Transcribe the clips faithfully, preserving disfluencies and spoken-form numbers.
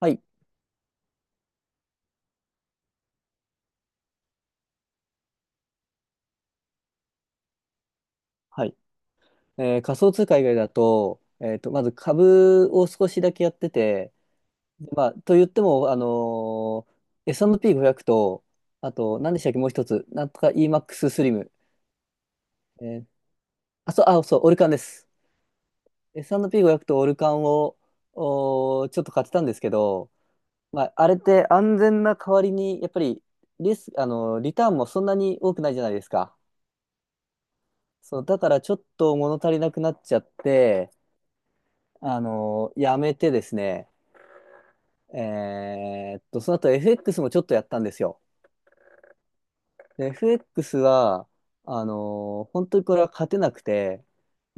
はい。はい。えー仮想通貨以外だと、えっと、まず株を少しだけやってて、でまあ、と言っても、あのー S&P500 と、あと、何でしたっけ、もう一つ。なんとか イーマックス ススリム。えーあ、そう、あ、そう、オルカンです。S&P500 とオルカンを、おーちょっと買ってたんですけど、まあ、あれって安全な代わりに、やっぱり、リス、あのーリターンもそんなに多くないじゃないですか。そう、だからちょっと物足りなくなっちゃって、あのーやめてですね、えーっと、その後 エフエックス もちょっとやったんですよ。で エフエックス は、あのー本当にこれは勝てなくて、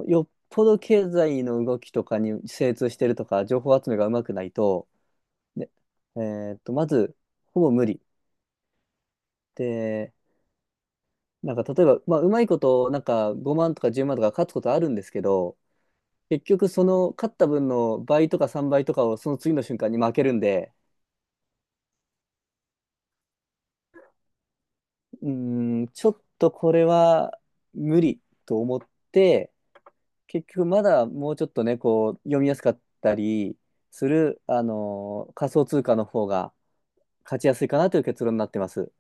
よっぽど経済の動きとかに精通してるとか、情報集めがうまくないと、で、えーっと、まず、ほぼ無理。で、なんか例えば、まあ、うまいこと、なんかごまんとかじゅうまんとか勝つことあるんですけど、結局その勝った分の倍とかさんばいとかをその次の瞬間に負けるんで、うーん、ちょっとこれは無理と思って、結局まだもうちょっとね、こう読みやすかったりする、あのー仮想通貨の方が勝ちやすいかなという結論になってます。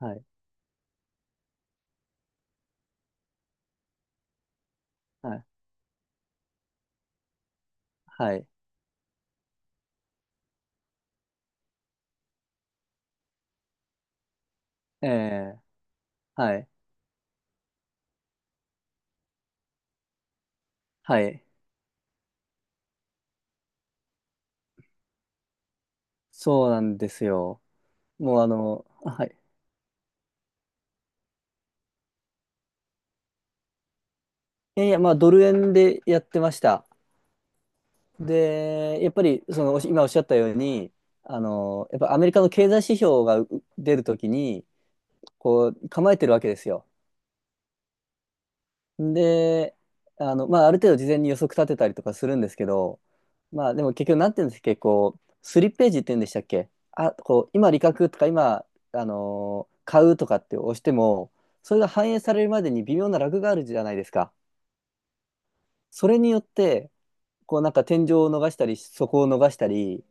はい。はい。はい。ええ、はい。はい。そうなんですよ。もうあの、あはい。いやいや、まあドル円でやってました。で、やっぱりそのおし今おっしゃったように、あの、やっぱアメリカの経済指標がう出るときに、こう構えてるわけですよ。で、あの、まあ、ある程度事前に予測立てたりとかするんですけど、まあ、でも結局なんていうんですか、こう、スリップページって言うんでしたっけ、あ、こう、今、利確とか今、あのー買うとかって押しても、それが反映されるまでに微妙なラグがあるじゃないですか。それによって、こう、なんか天井を逃したり、底を逃したり、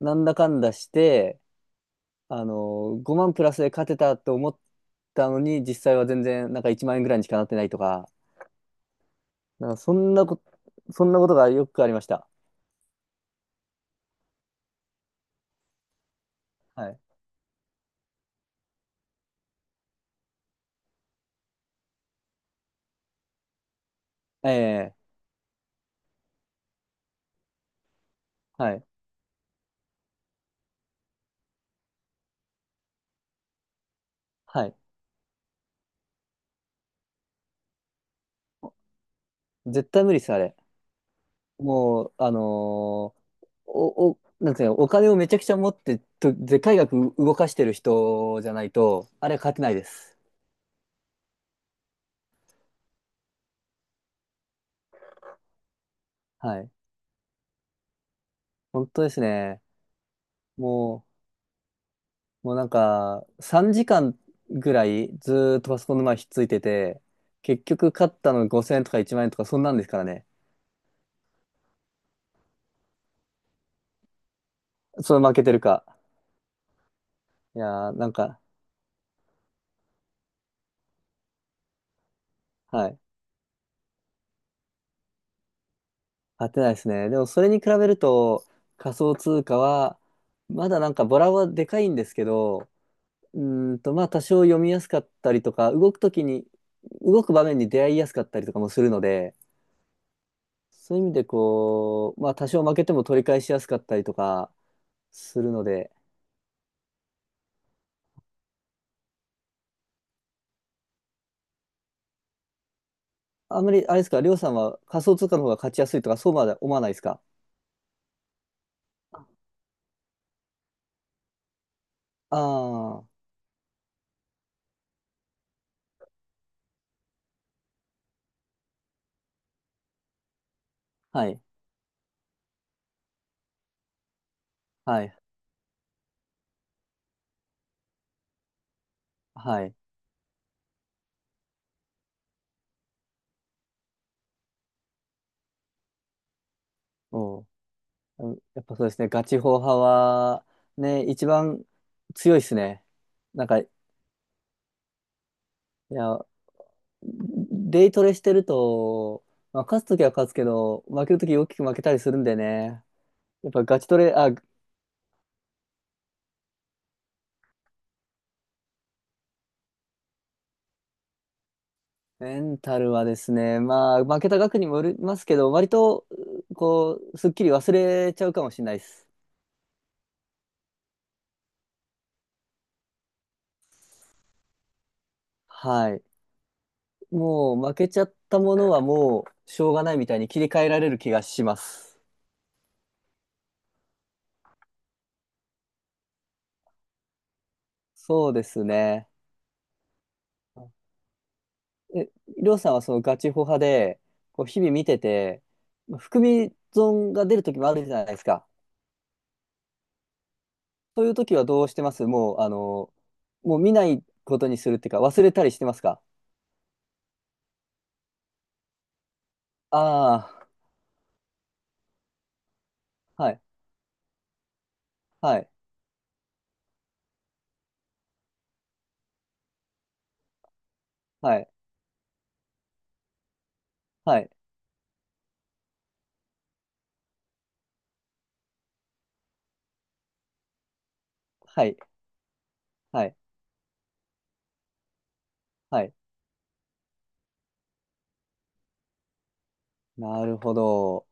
なんだかんだして、あのー、ごまんプラスで勝てたと思ったのに、実際は全然、なんかいちまん円ぐらいにしかなってないとか、なんかそんなこと、そんなことがよくありました。はい。ええ、はい。はい。絶対無理です、あれ。もう、あのーお、お、なんていうの、お金をめちゃくちゃ持ってと、でかい額動かしてる人じゃないと、あれ勝てないです。はい。本当ですね。もう、もうなんか、さんじかんぐらいずーっとパソコンの前ひっついてて、結局勝ったのごせんえんとかいちまん円とかそんなんですからね。それ負けてるか。いやー、なんか、はい。買ってないですね。でもそれに比べると仮想通貨はまだなんかボラはでかいんですけど、うーんとまあ多少読みやすかったりとか、動くときに、動く場面に出会いやすかったりとかもするので、そういう意味でこう、まあ多少負けても取り返しやすかったりとかするので、あんまりあれですか、りょうさんは仮想通貨の方が勝ちやすいとかそうまで思わないですか？ああー、はい、はい、はい。おううん、やっぱそうですね、ガチホウ派は、ね、一番強いですね。なんか、いや、デイトレしてると、まあ、勝つときは勝つけど、負けるとき大きく負けたりするんでね。やっぱガチトレ、あ、メンタルはですね、まあ、負けた額にもよりますけど、割と、こう、すっきり忘れちゃうかもしれないです。はい。もう、負けちゃったものはもう、しょうがないみたいに切り替えられる気がします。そうですね。え、りょうさんはそのガチホ派で、こう日々見てて、含み損が出る時もあるじゃないですか。そういう時はどうしてます、もう、あの、もう見ないことにするっていうか、忘れたりしてますか？ああー、はい、はい、はい、はい、はい、はい、はい。なるほど。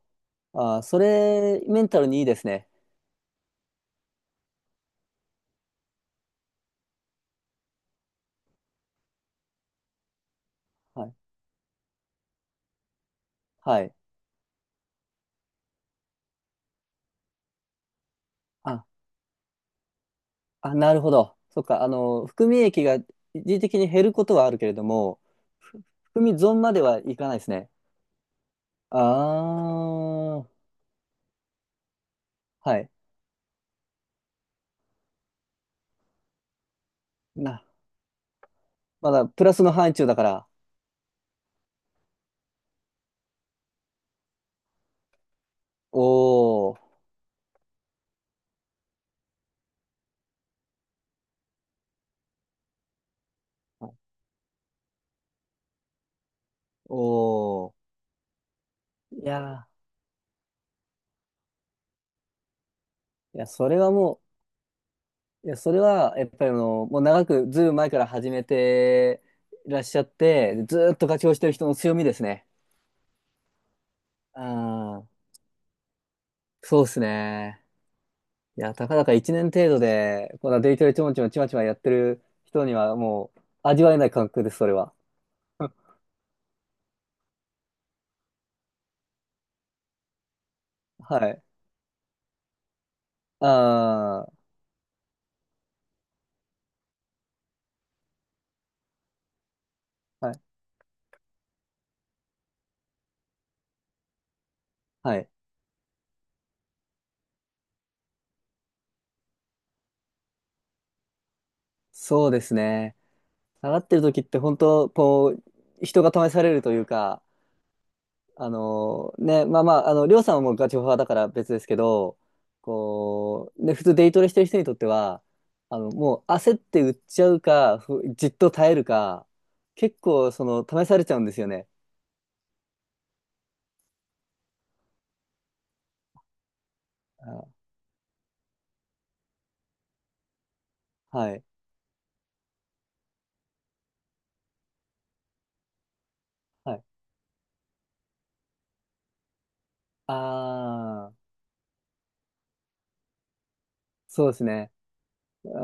ああ、それ、メンタルにいいですね。はい、はい。あ、あ、なるほど。そっか、あの、含み益が一時的に減ることはあるけれども、ふ含み損まではいかないですね。あー、はい。な、まだプラスの範疇だから。おー、おー。いやー、いや、それはもう、いや、それは、やっぱりあの、もう長く、ずいぶん前から始めていらっしゃって、ずーっと活用してる人の強みですね。ああ、そうですね。いや、たかだかいちねん程度で、こんなデイトレちょんちょんちまちまやってる人には、もう、味わえない感覚です、それは。はい。ああ、はい。はい。そうですね。下がってる時って本当こう人が試されるというか、あのね、まあまあ、あのりょうさんはもうガチホファーだから別ですけど、こう、ね、普通デイトレしてる人にとっては、あのもう焦って売っちゃうか、ふじっと耐えるか、結構その試されちゃうんですよね。あ、はい、はい、ああー、そうですね。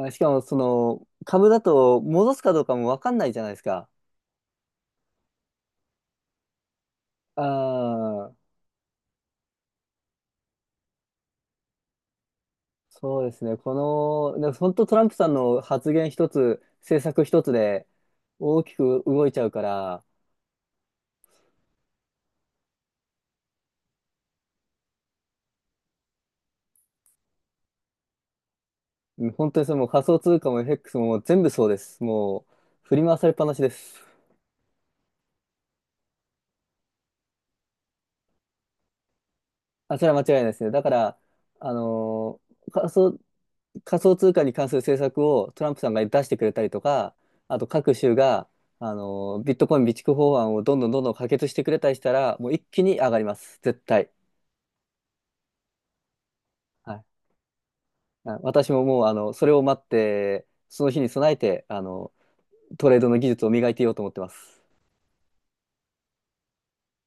あ、しかもその株だと戻すかどうかも分かんないじゃないですか。ああ、そうですね。この、でも本当トランプさんの発言一つ、政策一つで大きく動いちゃうから、うん、本当にそれもう仮想通貨も エフエックス ももう全部そうです。もう振り回されっぱなしです。あ、それは間違いないですね。だから、あのー仮想、仮想通貨に関する政策をトランプさんが出してくれたりとか、あと各州が、あのービットコイン備蓄法案をどんどんどんどん可決してくれたりしたら、もう一気に上がります。絶対。はい、あ、私ももう、あの、それを待って、その日に備えて、あの、トレードの技術を磨いていようと思ってます。